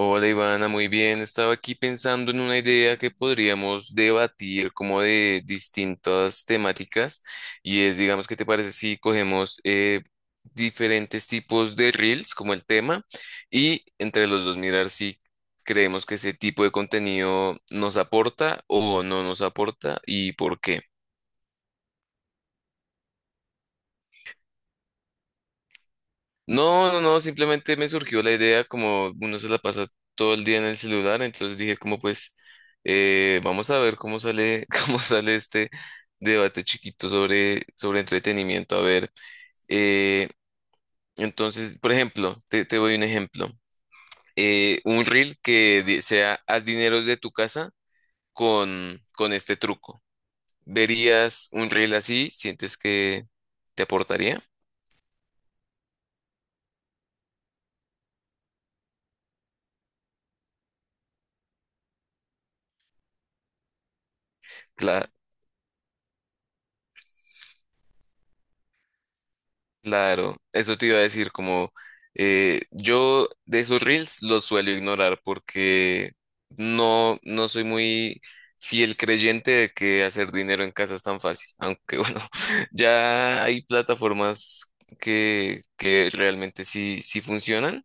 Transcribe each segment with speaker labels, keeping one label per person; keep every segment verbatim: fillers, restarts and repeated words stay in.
Speaker 1: Hola Ivana, muy bien. Estaba aquí pensando en una idea que podríamos debatir como de distintas temáticas y es, digamos, ¿qué te parece si cogemos eh, diferentes tipos de reels como el tema y entre los dos mirar si creemos que ese tipo de contenido nos aporta o no nos aporta y por qué? No, no, no, simplemente me surgió la idea, como uno se la pasa todo el día en el celular, entonces dije como pues eh, vamos a ver cómo sale, cómo sale este debate chiquito sobre, sobre entretenimiento. A ver, eh, entonces, por ejemplo, te, te doy un ejemplo. Eh, un reel que di- sea haz dineros de tu casa con, con este truco. ¿Verías un reel así? ¿Sientes que te aportaría? Claro, eso te iba a decir, como eh, yo de esos reels los suelo ignorar porque no, no soy muy fiel creyente de que hacer dinero en casa es tan fácil, aunque bueno, ya hay plataformas que, que realmente sí, sí funcionan,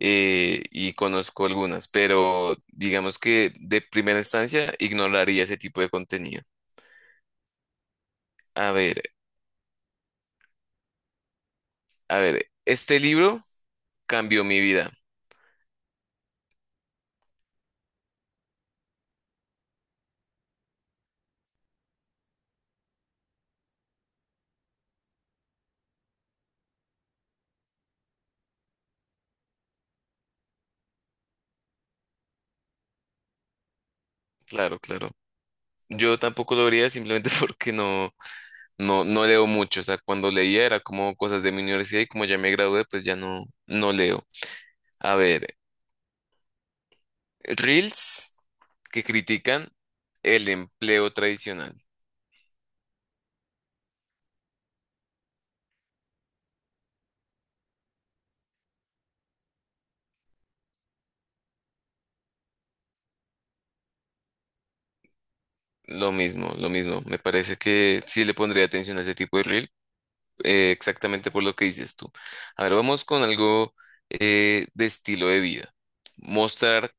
Speaker 1: eh, y conozco algunas, pero digamos que de primera instancia ignoraría ese tipo de contenido. A ver, a ver, este libro cambió mi vida, claro, claro. Yo tampoco lo vería simplemente porque no, no, no leo mucho. O sea, cuando leía era como cosas de mi universidad y como ya me gradué, pues ya no, no leo. A ver, reels que critican el empleo tradicional. Lo mismo, lo mismo. Me parece que sí le pondría atención a ese tipo de reel, eh, exactamente por lo que dices tú. A ver, vamos con algo eh, de estilo de vida. Mostrar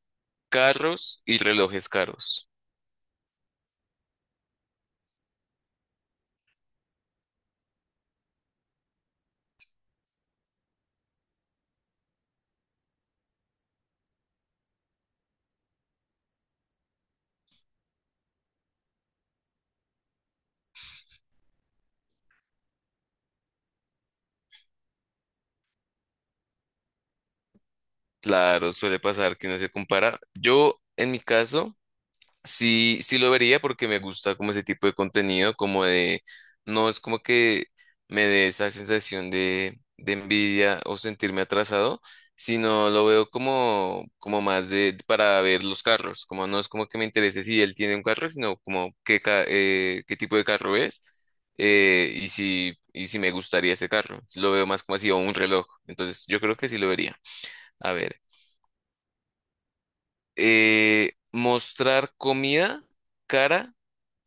Speaker 1: carros y relojes caros. Claro, suele pasar que no se compara. Yo, en mi caso, sí, sí lo vería porque me gusta como ese tipo de contenido, como de, no es como que me dé esa sensación de, de envidia o sentirme atrasado, sino lo veo como, como más de, para ver los carros, como no es como que me interese si él tiene un carro, sino como qué, ca- eh, qué tipo de carro es, eh, y si, y si me gustaría ese carro. Lo veo más como así, o un reloj. Entonces, yo creo que sí lo vería. A ver, eh, mostrar comida cara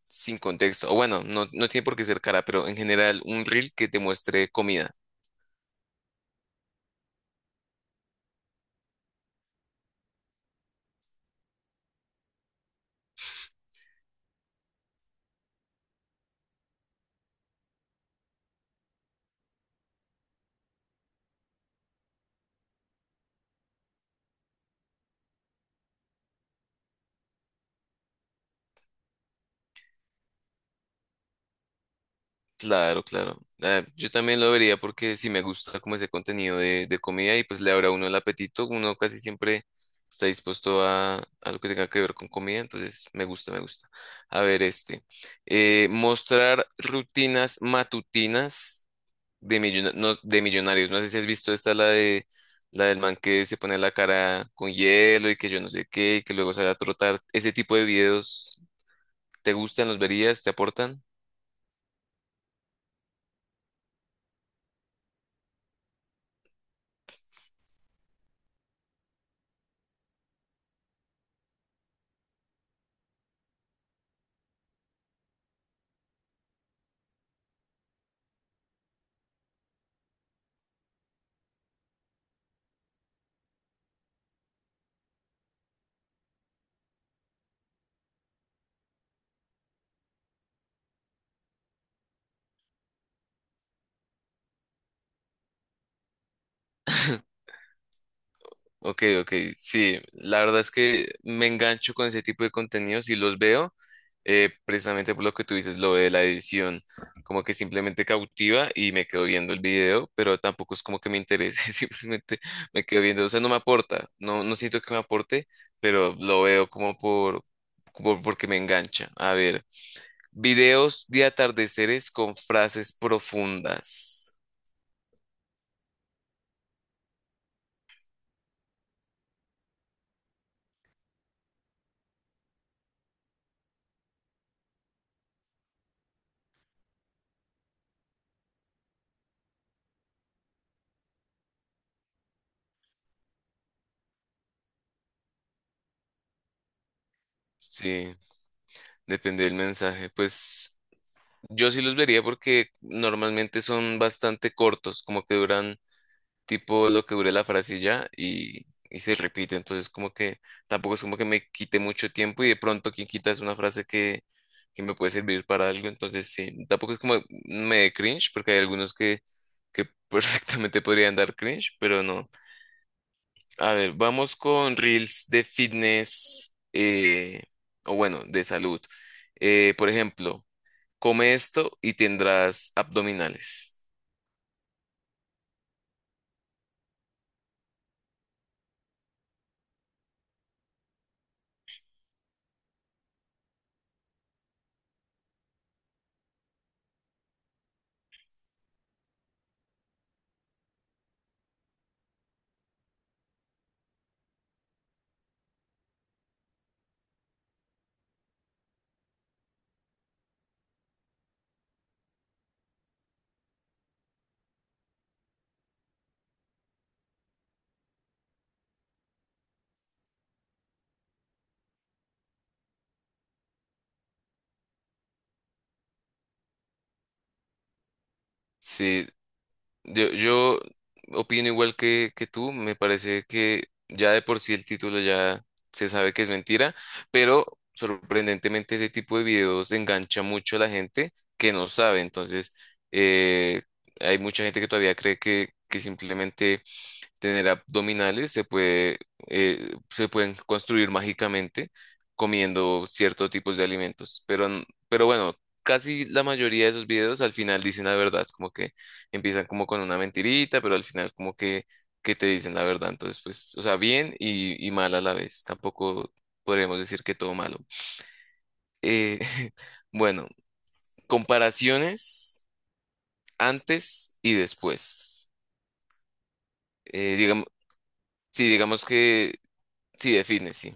Speaker 1: sin contexto. O bueno, no, no tiene por qué ser cara, pero en general un reel que te muestre comida. Claro, claro. Ah, yo también lo vería porque sí me gusta como ese contenido de, de comida y pues le abre a uno el apetito. Uno casi siempre está dispuesto a, a lo que tenga que ver con comida, entonces me gusta, me gusta. A ver, este. Eh, mostrar rutinas matutinas de, millona- no, de Millonarios. No sé si has visto esta, la de la del man que se pone la cara con hielo y que yo no sé qué, y que luego sale a trotar. Ese tipo de videos, ¿te gustan? ¿Los verías? ¿Te aportan? Ok, ok, sí, la verdad es que me engancho con ese tipo de contenidos y los veo, eh, precisamente por lo que tú dices, lo de la edición, como que simplemente cautiva y me quedo viendo el video, pero tampoco es como que me interese, simplemente me quedo viendo, o sea, no me aporta, no, no siento que me aporte, pero lo veo como por, por, porque me engancha. A ver, videos de atardeceres con frases profundas. Sí, depende del mensaje, pues. Yo sí los vería porque normalmente son bastante cortos, como que duran tipo lo que dure la frase y ya y, y se repite, entonces como que tampoco es como que me quite mucho tiempo y de pronto quien quita es una frase que, que me puede servir para algo, entonces sí, tampoco es como me dé cringe porque hay algunos que, que perfectamente podrían dar cringe, pero no. A ver, vamos con reels de fitness, eh, o bueno, de salud. Eh, por ejemplo. Come esto y tendrás abdominales. Sí, yo, yo opino igual que, que tú, me parece que ya de por sí el título ya se sabe que es mentira, pero sorprendentemente ese tipo de videos engancha mucho a la gente que no sabe, entonces, eh, hay mucha gente que todavía cree que, que simplemente tener abdominales se puede, eh, se pueden construir mágicamente comiendo ciertos tipos de alimentos. Pero, n- pero bueno, casi la mayoría de esos videos al final dicen la verdad, como que empiezan como con una mentirita, pero al final como que, que te dicen la verdad. Entonces, pues, o sea, bien y, y mal a la vez. Tampoco podríamos decir que todo malo. Eh, bueno, comparaciones antes y después. Eh, digamos, sí, digamos que sí define, sí.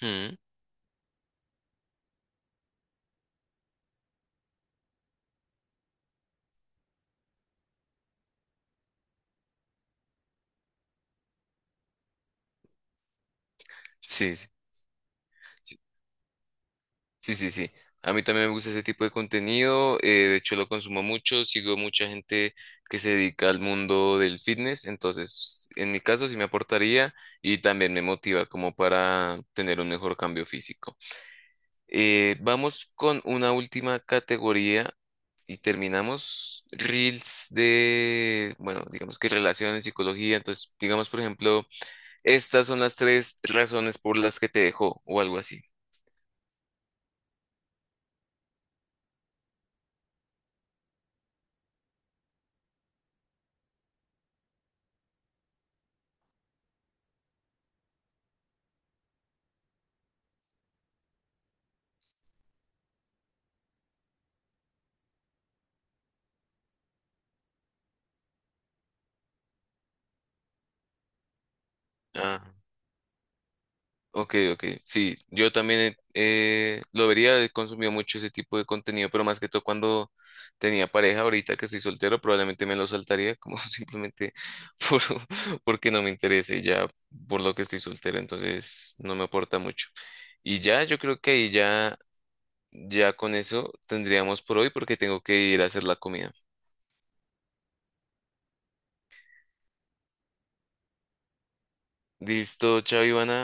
Speaker 1: Hmm. Sí, sí, sí, sí, sí. Sí. A mí también me gusta ese tipo de contenido. Eh, de hecho, lo consumo mucho. Sigo mucha gente que se dedica al mundo del fitness. Entonces, en mi caso, sí me aportaría y también me motiva como para tener un mejor cambio físico. Eh, vamos con una última categoría y terminamos. Reels de, bueno, digamos que relaciones, psicología. Entonces, digamos, por ejemplo, estas son las tres razones por las que te dejó o algo así. Ah, ok, ok. Sí, yo también, eh, lo vería, he consumido mucho ese tipo de contenido, pero más que todo cuando tenía pareja, ahorita que soy soltero, probablemente me lo saltaría como simplemente por, porque no me interese ya por lo que estoy soltero, entonces no me aporta mucho. Y ya, yo creo que ahí ya, ya con eso tendríamos por hoy porque tengo que ir a hacer la comida. Listo, chao Ivana,